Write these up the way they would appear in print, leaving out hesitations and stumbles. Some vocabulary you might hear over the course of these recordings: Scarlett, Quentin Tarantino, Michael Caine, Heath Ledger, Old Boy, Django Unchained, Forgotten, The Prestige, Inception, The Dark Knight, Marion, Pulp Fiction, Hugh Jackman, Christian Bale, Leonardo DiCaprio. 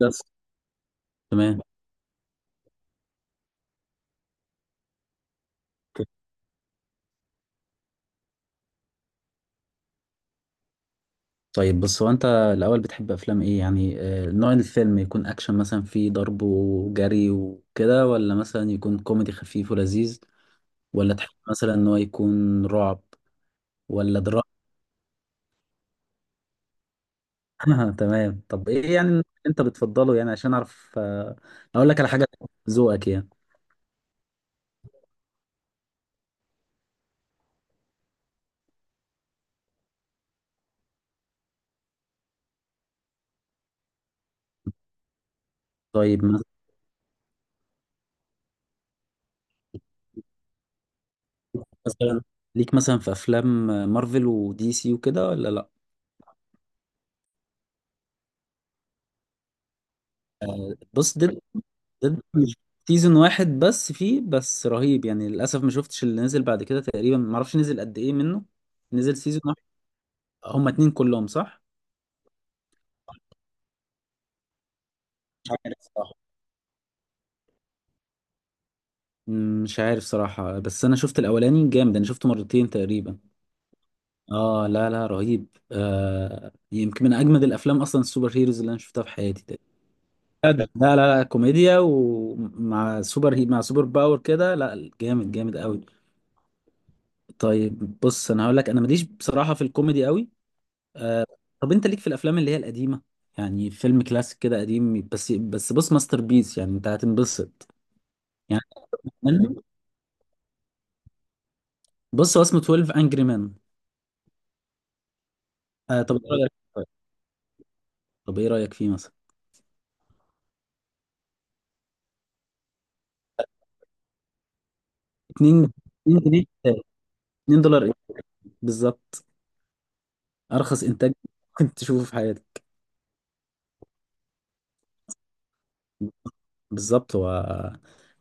بس. تمام. اوكي. طيب بص، هو انت الاول بتحب افلام ايه يعني، نوع الفيلم يكون اكشن مثلا فيه ضرب وجري وكده، ولا مثلا يكون كوميدي خفيف ولذيذ، ولا تحب مثلا ان هو يكون رعب، ولا دراما؟ تمام. طب ايه يعني اللي انت بتفضله يعني عشان اعرف اقول لك على حاجه، ذوقك يعني. طيب مثلا، ليك مثلا في افلام مارفل ودي سي وكده ولا لا؟ بص، ديد سيزون واحد بس، فيه بس رهيب يعني. للاسف ما شفتش اللي نزل بعد كده، تقريبا ما اعرفش نزل قد ايه منه. نزل سيزون واحد، هما اتنين كلهم صح؟ مش عارف صراحة. مش عارف صراحة، بس انا شفت الاولاني جامد، انا شفته مرتين تقريبا. اه لا لا رهيب، يمكن من اجمد الافلام اصلا السوبر هيروز اللي انا شفتها في حياتي تقريبا. لا لا لا لا، كوميديا ومع سوبر هي مع سوبر باور كده، لا جامد جامد قوي. طيب بص، انا هقول لك، انا ماليش بصراحه في الكوميدي قوي. آه، طب انت ليك في الافلام اللي هي القديمه؟ يعني فيلم كلاسيك كده قديم بس، بص ماستر بيس يعني انت هتنبسط. يعني كمان- بص، هو اسمه 12 انجري مان. طب ايه رايك طيب. طب ايه رايك فيه مثلا؟ 2، 2 جنيه، 2 دولار. ايه بالظبط، ارخص انتاج ممكن تشوفه في حياتك. بالظبط. هو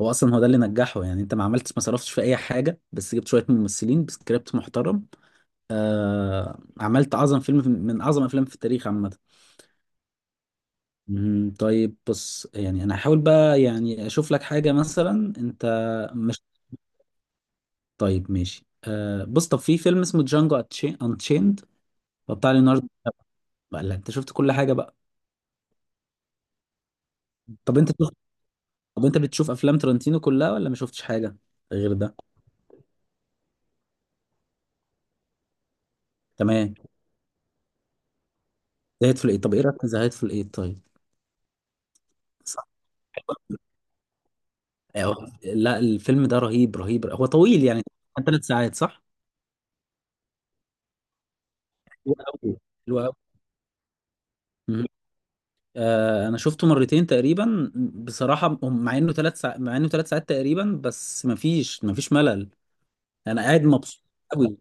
هو اصلا هو ده اللي نجحه يعني، انت ما عملتش، ما صرفتش في اي حاجه، بس جبت شويه ممثلين بسكريبت محترم. عملت اعظم فيلم، من اعظم افلام في التاريخ عامه. مهم. طيب بص، يعني انا هحاول بقى يعني اشوف لك حاجة مثلا. انت مش. طيب ماشي، بص، طب في فيلم اسمه جانجو انتشيند، بتاع ليوناردو. بقى لا، انت شفت كل حاجة بقى. طب انت طب انت بتشوف افلام ترنتينو كلها، ولا ما شفتش حاجة غير ده؟ تمام. زهقت في الايه. طب ايه رأيك في زهقت في الايه، طيب؟ صح. أيوة. لا، الفيلم ده رهيب رهيب، هو طويل يعني. كان 3 ساعات صح؟ حلو قوي. حلو قوي. انا شفته مرتين تقريبا بصراحه، مع انه ثلاث ساعات تقريبا، بس مفيش ملل. انا قاعد مبسوط قوي.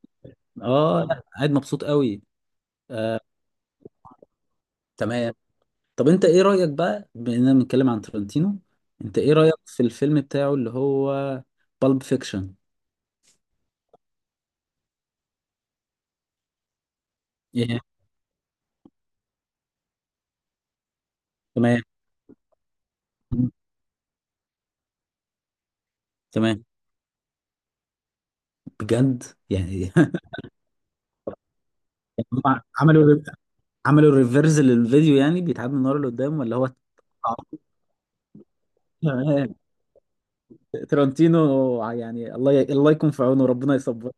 اه لا قاعد مبسوط قوي. آه، تمام. طب انت ايه رايك بقى بما اننا بنتكلم عن ترنتينو؟ انت ايه رايك في الفيلم بتاعه اللي هو بالب فيكشن؟ ايه. تمام تمام بجد يعني. هم عملوا عملوا ريفرز للفيديو يعني بيتعاد من ورا لقدام، ولا هو؟ ترنتينو يعني، الله يكون في عونه، ربنا يصبر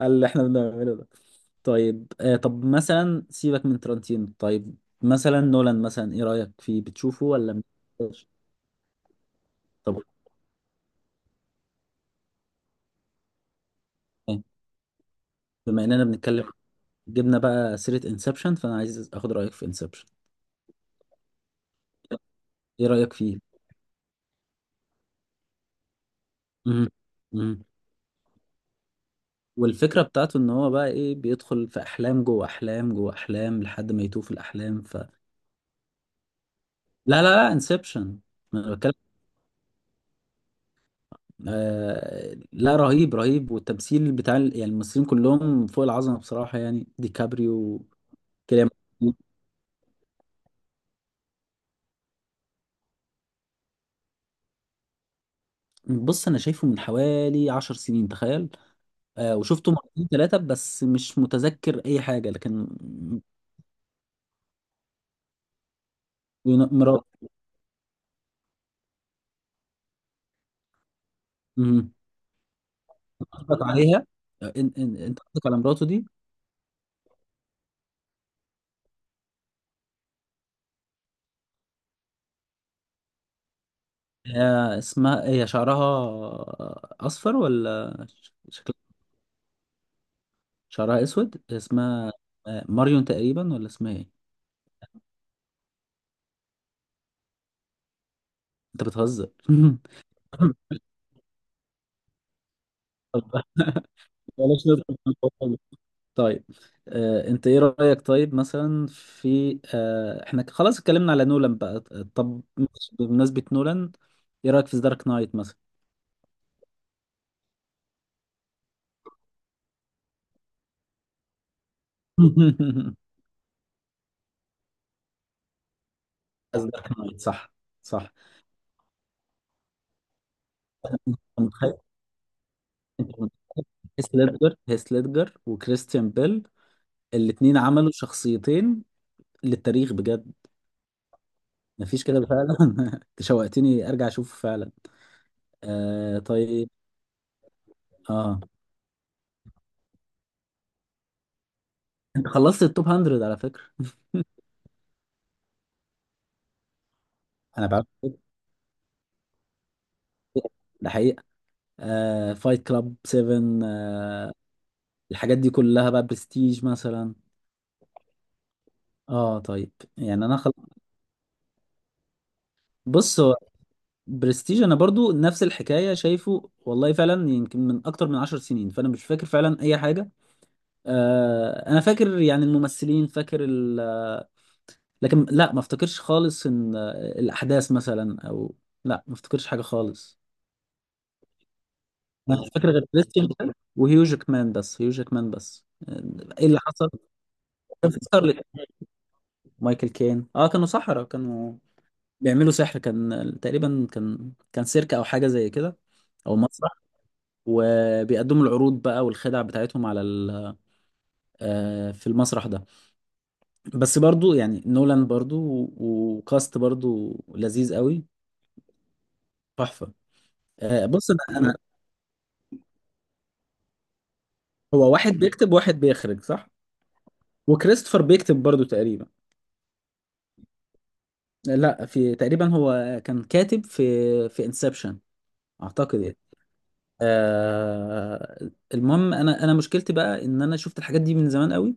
على اللي احنا بنعمله ده. طيب، طب مثلا سيبك من ترنتينو، طيب. مثلا نولان، مثلا ايه رأيك فيه، بتشوفه ولا ما بتشوفوش؟ طب إيه؟ بما اننا بنتكلم، جبنا بقى سيرة انسبشن، فانا عايز اخد رأيك في انسبشن. ايه رأيك فيه؟ مم. مم. والفكرة بتاعته ان هو بقى ايه، بيدخل في احلام جوه احلام جوه احلام لحد ما يتوه في الاحلام، ف. لا لا لا، انسبشن انا بتكلم. لا رهيب رهيب، والتمثيل يعني الممثلين كلهم فوق العظمه بصراحه يعني، ديكابريو كده. بص، انا شايفه من حوالي 10 سنين تخيل. وشفته مرتين ثلاثه بس مش متذكر اي حاجه، لكن مرات. مم. قصدك عليها، انت قصدك على مراته دي؟ هي اسمها، هي شعرها اصفر ولا شكل؟ شعرها اسود. اسمها ماريون تقريبا، ولا اسمها ايه؟ انت بتهزر؟ بلاش نضرب في الموضوع ده. طيب، انت ايه رأيك طيب مثلا في، احنا خلاص اتكلمنا على نولان بقى. طب بمناسبة نولان، ايه رأيك في دارك نايت مثلا؟ دارك نايت، صح صح. انت متخيل- انت متخيل هيث ليدجر، وكريستيان بيل، الاتنين عملوا شخصيتين للتاريخ بجد. مفيش كده فعلا. انت شوقتني ارجع اشوفه فعلا. طيب. اه، انت خلصت التوب 100 على فكرة. انا بعرف. ده حقيقي. فايت كلاب 7، الحاجات دي كلها بقى، برستيج مثلا. اه طيب، يعني بص، هو برستيج انا برضو نفس الحكايه، شايفه والله فعلا يمكن من اكتر من 10 سنين، فانا مش فاكر فعلا اي حاجه. انا فاكر يعني الممثلين، لكن لا ما افتكرش خالص ان، الاحداث مثلا او، لا ما افتكرش حاجه خالص. انا مش فاكر غير كريستيان بيل وهيو جاكمان، بس هيو جاكمان بس. ايه اللي حصل؟ كان في سكارلت، مايكل كين. اه كانوا سحرة، كانوا بيعملوا سحر، كان تقريبا، كان سيرك او حاجة زي كده، او مسرح، وبيقدموا العروض بقى والخدع بتاعتهم على ال، في المسرح ده. بس برضو يعني نولان برضو، وكاست برضو لذيذ قوي. تحفة. بص انا. هو واحد بيكتب واحد بيخرج، صح؟ وكريستوفر بيكتب برضو تقريبا. لا، في تقريبا هو كان كاتب في انسبشن اعتقد يعني. آه المهم، انا مشكلتي بقى ان انا شفت الحاجات دي من زمان قوي.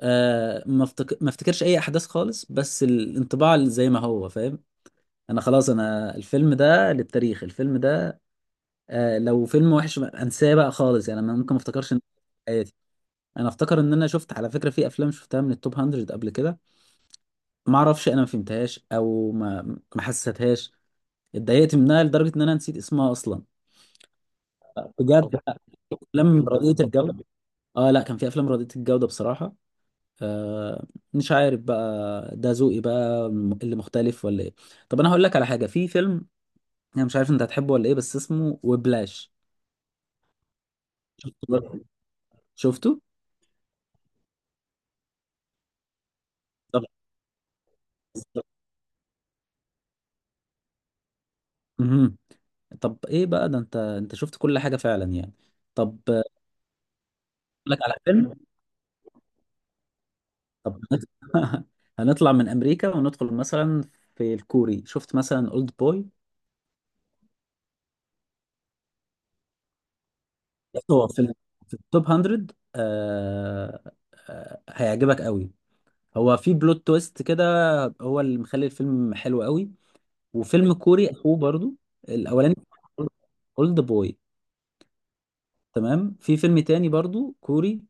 ما افتكرش اي احداث خالص، بس الانطباع اللي زي ما هو فاهم، انا خلاص انا الفيلم ده للتاريخ، الفيلم ده. لو فيلم وحش انساه بقى خالص يعني، انا ممكن ما افتكرش حياتي. انا افتكر ان انا شفت على فكره في افلام شفتها من التوب 100 قبل كده، ما اعرفش، انا ما فهمتهاش او ما حسيتهاش، اتضايقت منها لدرجه ان انا نسيت اسمها اصلا. بجد. افلام رديئه الجوده. اه لا، كان في افلام رديئه الجوده بصراحه. آه، مش عارف بقى، ده ذوقي بقى اللي مختلف ولا ايه؟ طب انا هقول لك على حاجه، في فيلم انا مش عارف انت هتحبه ولا ايه، بس اسمه وبلاش. شفته؟ شفته؟ طب مهم. طب ايه بقى ده، انت شفت كل حاجه فعلا يعني. طب اقول لك على فيلم. طب هنطلع من امريكا وندخل مثلا في الكوري، شفت مثلا اولد بوي؟ هو في في التوب 100. آه هيعجبك قوي، هو في بلوت تويست كده، هو اللي مخلي الفيلم حلو قوي. وفيلم كوري اخوه برضو. الاولاني اولد بوي. تمام. في فيلم تاني برضو كوري،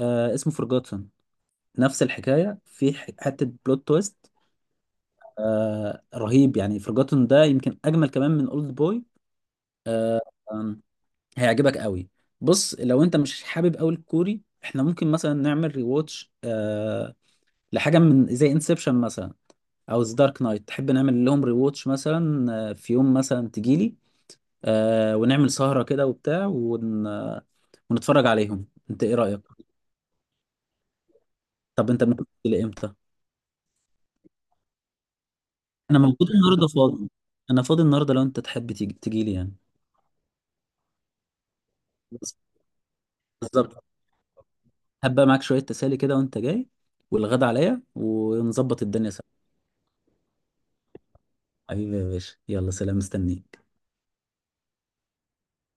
اسمه فورجوتن، نفس الحكايه، في حته بلوت تويست. رهيب يعني، فورجوتن ده يمكن اجمل كمان من اولد بوي. آه آم، هيعجبك قوي. بص، لو انت مش حابب قوي الكوري، احنا ممكن مثلا نعمل ريواتش لحاجه من زي انسبشن مثلا، او ذا دارك نايت، تحب نعمل لهم ريواتش مثلا؟ في يوم مثلا تجيلي، ونعمل سهرة كده وبتاع، ون... آه، ونتفرج عليهم. انت ايه رأيك؟ طب انت ممكن تجيلي امتى؟ انا موجود النهارده فاضي. انا فاضي النهارده، لو انت تحب تيجي تجيلي يعني. بس- بالظبط. هبقى معاك شوية تسالي كده وانت جاي، والغدا عليا، ونظبط الدنيا سوا. حبيبي يا باشا، يلا سلام، مستنيك.